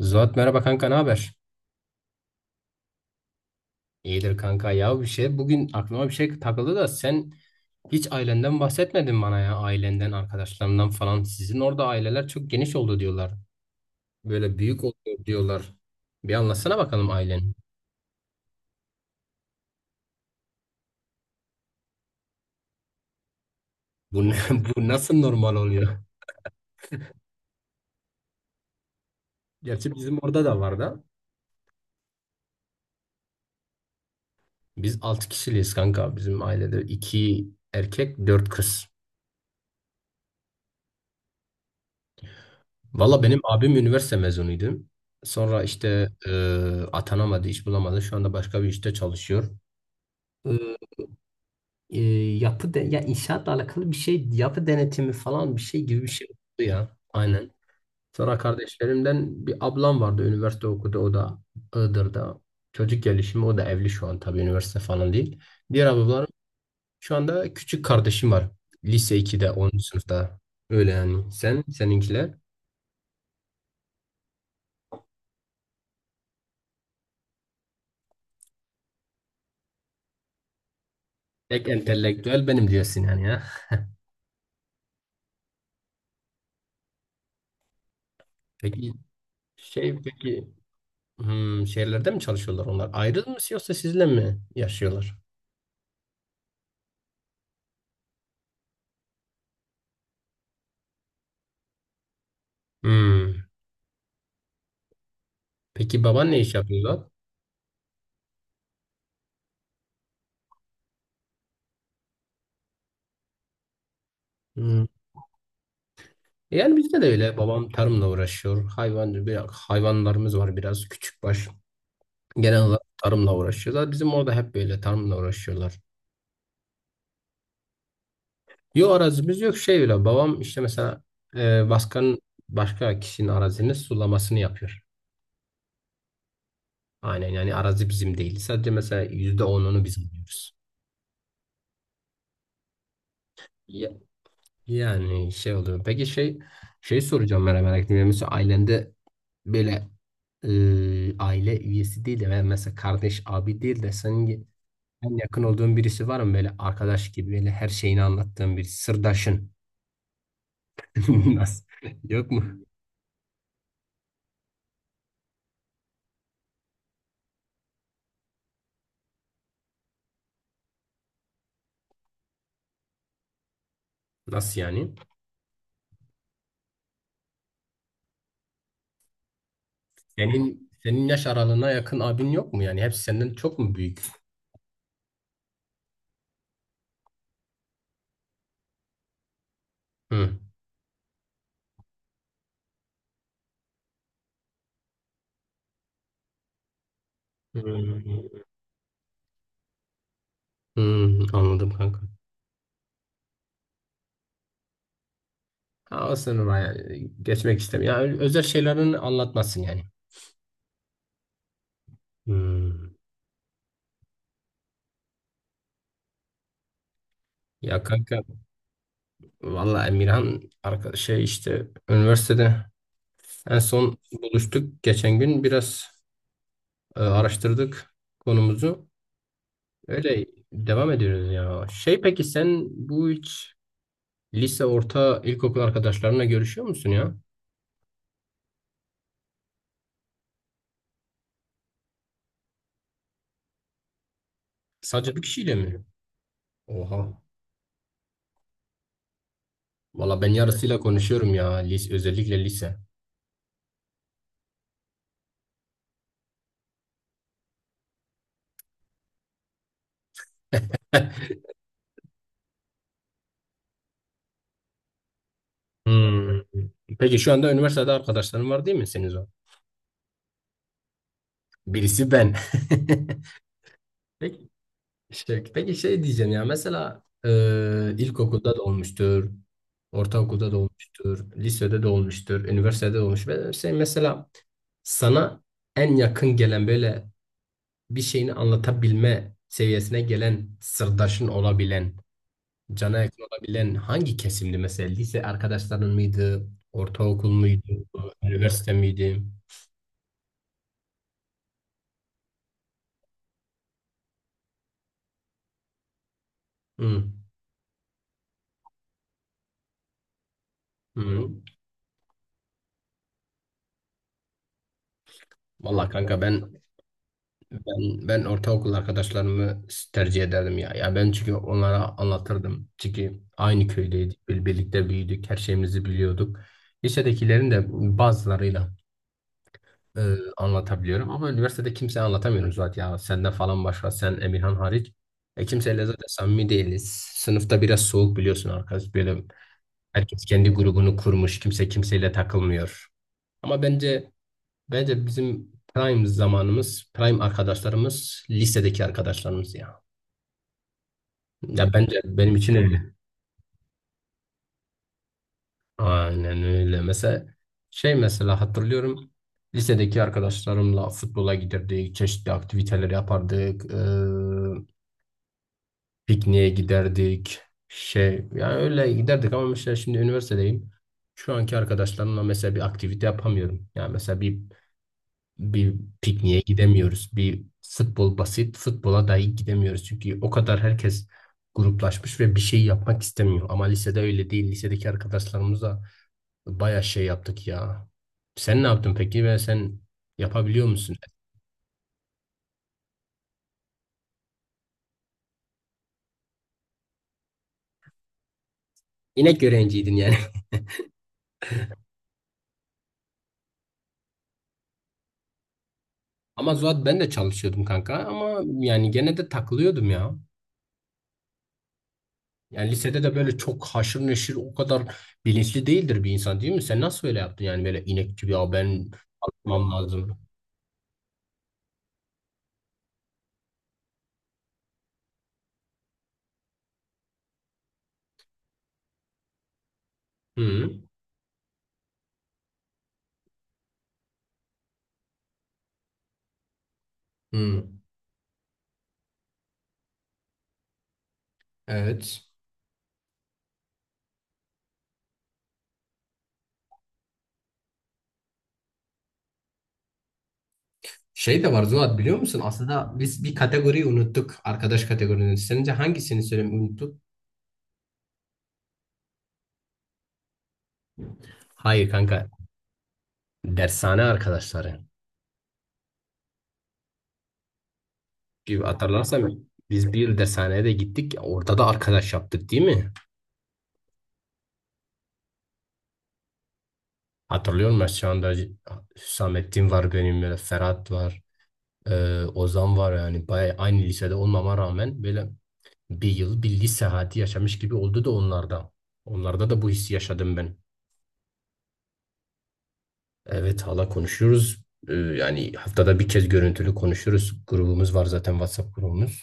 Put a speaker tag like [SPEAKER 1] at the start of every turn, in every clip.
[SPEAKER 1] Zuhat, merhaba kanka, ne haber? İyidir kanka. Ya bir şey bugün aklıma bir şey takıldı da sen hiç ailenden bahsetmedin bana. Ya ailenden, arkadaşlarından falan, sizin orada aileler çok geniş oldu diyorlar, böyle büyük oluyor diyorlar. Bir anlatsana bakalım ailen. bu, ne- Bu nasıl normal oluyor? Gerçi bizim orada da var da, biz 6 kişiliyiz kanka. Bizim ailede 2 erkek, 4 kız. Valla benim abim üniversite mezunuydu, sonra işte atanamadı, iş bulamadı, şu anda başka bir işte çalışıyor. e, Yapı de, ya inşaatla alakalı bir şey, yapı denetimi falan, bir şey gibi bir şey oldu ya. Aynen. Sonra kardeşlerimden bir ablam vardı, üniversite okudu, o da Iğdır'da. Çocuk gelişimi. O da evli şu an, tabii üniversite falan değil. Diğer ablalarım... Şu anda küçük kardeşim var, lise 2'de, 10. sınıfta. Öyle yani. Sen seninkiler... Tek entelektüel benim diyorsun yani ya. Peki, şey peki şehirlerde mi çalışıyorlar onlar? Ayrı mı, yoksa sizle mi yaşıyorlar? Hmm. Peki, baban ne iş yapıyor lan? Hmm. Yani bizde de öyle. Babam tarımla uğraşıyor. Hayvan, hayvanlarımız var biraz, küçükbaş. Genel olarak tarımla uğraşıyorlar. Bizim orada hep böyle tarımla uğraşıyorlar. Yok, arazimiz yok, şey öyle. Babam işte mesela e, başkan başka kişinin arazinin sulamasını yapıyor. Aynen, yani arazi bizim değil. Sadece mesela yüzde onunu biz alıyoruz. Ya- Yani şey oluyor. Peki şey, soracağım, merak ettim. Yani mesela ailende böyle aile üyesi değil de, veya mesela kardeş, abi değil de, senin en yakın olduğun birisi var mı, böyle arkadaş gibi, böyle her şeyini anlattığın bir sırdaşın? Nasıl, yok mu? Nasıl yani, senin yaş aralığına yakın abin yok mu? Yani hepsi senden çok mu büyük? Hı. Hmm. Hmm, anladım kanka. Ha, o sınıfa yani geçmek istemiyorum. Yani özel şeylerin anlatmasın yani. Hmm. Ya kanka, valla Emirhan arkadaş şey, işte üniversitede... En son buluştuk geçen gün, biraz araştırdık konumuzu. Öyle devam ediyoruz ya. Şey, peki sen bu hiç lise, orta, ilkokul arkadaşlarına görüşüyor musun ya? Sadece bir kişiyle mi? Oha. Valla ben yarısıyla konuşuyorum ya. Lise, özellikle lise. Hmm. Peki şu anda üniversitede arkadaşların var değil mi senin, o? Birisi ben. Peki, şey, peki şey diyeceğim ya, mesela ilkokulda da olmuştur, ortaokulda da olmuştur, lisede de olmuştur, üniversitede de olmuş. Ve şey, mesela sana en yakın gelen, böyle bir şeyini anlatabilme seviyesine gelen, sırdaşın olabilen, cana yakın olabilen hangi kesimdi mesela? Lise arkadaşların mıydı, ortaokul muydu, üniversite miydi? Hı, hı. Vallahi kanka ben... Ben ortaokul arkadaşlarımı tercih ederdim ya. Ya ben çünkü onlara anlatırdım. Çünkü aynı köydeydik, birlikte büyüdük, her şeyimizi biliyorduk. Lisedekilerin de bazılarıyla e, anlatabiliyorum, ama üniversitede kimseye anlatamıyorum zaten ya. Senden falan başka, sen, Emirhan hariç. E, kimseyle zaten samimi değiliz. Sınıfta biraz soğuk biliyorsun arkadaş. Böyle herkes kendi grubunu kurmuş, kimse kimseyle takılmıyor. Ama bence Bence bizim prime zamanımız, prime arkadaşlarımız lisedeki arkadaşlarımız ya. Ya bence benim için öyle. Aynen öyle. Mesela şey, mesela hatırlıyorum. Lisedeki arkadaşlarımla futbola giderdik, çeşitli aktiviteler yapardık, pikniğe giderdik. Şey, yani öyle giderdik, ama mesela şimdi üniversitedeyim. Şu anki arkadaşlarımla mesela bir aktivite yapamıyorum. Yani mesela bir pikniğe gidemiyoruz. Bir futbol, basit futbola dahi gidemiyoruz. Çünkü o kadar herkes gruplaşmış ve bir şey yapmak istemiyor. Ama lisede öyle değil. Lisedeki arkadaşlarımızla bayağı şey yaptık ya. Sen ne yaptın peki, ve sen yapabiliyor musun? İnek öğrenciydin yani. Ama Zuhat ben de çalışıyordum kanka, ama yani gene de takılıyordum ya. Yani lisede de böyle çok haşır neşir, o kadar bilinçli değildir bir insan, değil mi? Sen nasıl öyle yaptın yani, böyle inek gibi, ya ben çalışmam lazım. Hı. Hmm, evet. Şey de var Zuhat, biliyor musun? Aslında biz bir kategoriyi unuttuk. Arkadaş kategorisini. Sence hangisini söylemeyi unuttuk? Hayır kanka. Dershane arkadaşları. Bir hatırlarsam, biz bir dershaneye de gittik. Orada da arkadaş yaptık değil mi? Hatırlıyor musun şu anda? Hüsamettin var benim, böyle Ferhat var. Ozan var yani. Bayağı aynı lisede olmama rağmen böyle bir yıl, bir lise hayatı yaşamış gibi oldu da onlarda. Onlarda da bu hissi yaşadım ben. Evet, hala konuşuyoruz. Yani haftada bir kez görüntülü konuşuyoruz. Grubumuz var zaten, WhatsApp grubumuz.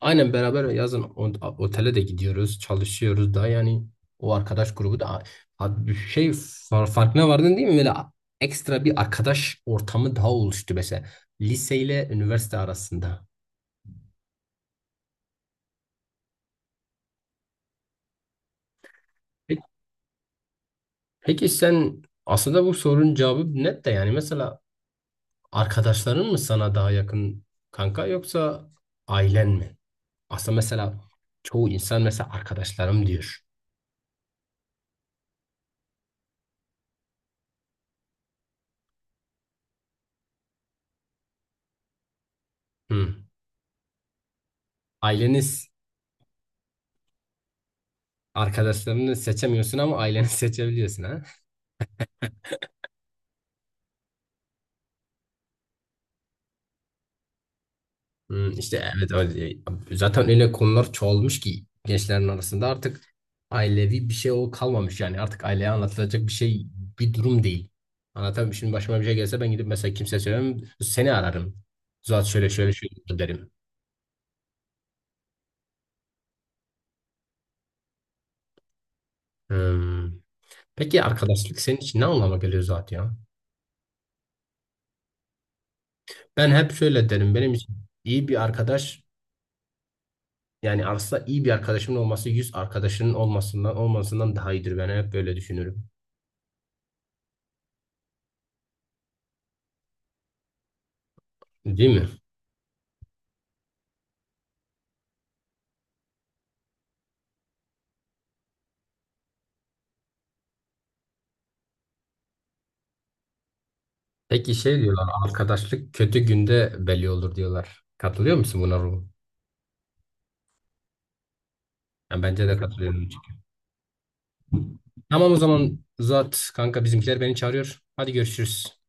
[SPEAKER 1] Aynen, beraber yazın otele de gidiyoruz, çalışıyoruz da, yani o arkadaş grubu da... Ha, bir şey farkına vardın değil mi? Böyle ekstra bir arkadaş ortamı daha oluştu mesela, liseyle üniversite arasında. Peki, peki sen aslında bu sorunun cevabı net de, yani mesela arkadaşların mı sana daha yakın kanka, yoksa ailen mi? Aslında mesela çoğu insan mesela arkadaşlarım diyor. Hı. Aileniz... Arkadaşlarını seçemiyorsun ama aileni seçebiliyorsun ha. Hı, işte evet öyle. Zaten öyle konular çoğalmış ki gençlerin arasında, artık ailevi bir şey o kalmamış yani, artık aileye anlatılacak bir şey, bir durum değil. Anlatamam. Şimdi başıma bir şey gelse, ben gidip mesela kimseye söylemem, seni ararım. "Zuhat şöyle şöyle şöyle oldu," derim. Hı. Peki arkadaşlık senin için ne anlama geliyor Zuhat ya? Ben hep şöyle derim: benim için iyi bir arkadaş... Yani aslında iyi bir arkadaşımın olması, 100 arkadaşının olmasından daha iyidir. Ben hep böyle düşünürüm. Değil mi? Peki şey diyorlar, arkadaşlık kötü günde belli olur diyorlar. Katılıyor musun buna Ruhu? Yani bence de katılıyorum. Tamam, o zaman uzat kanka, bizimkiler beni çağırıyor. Hadi görüşürüz.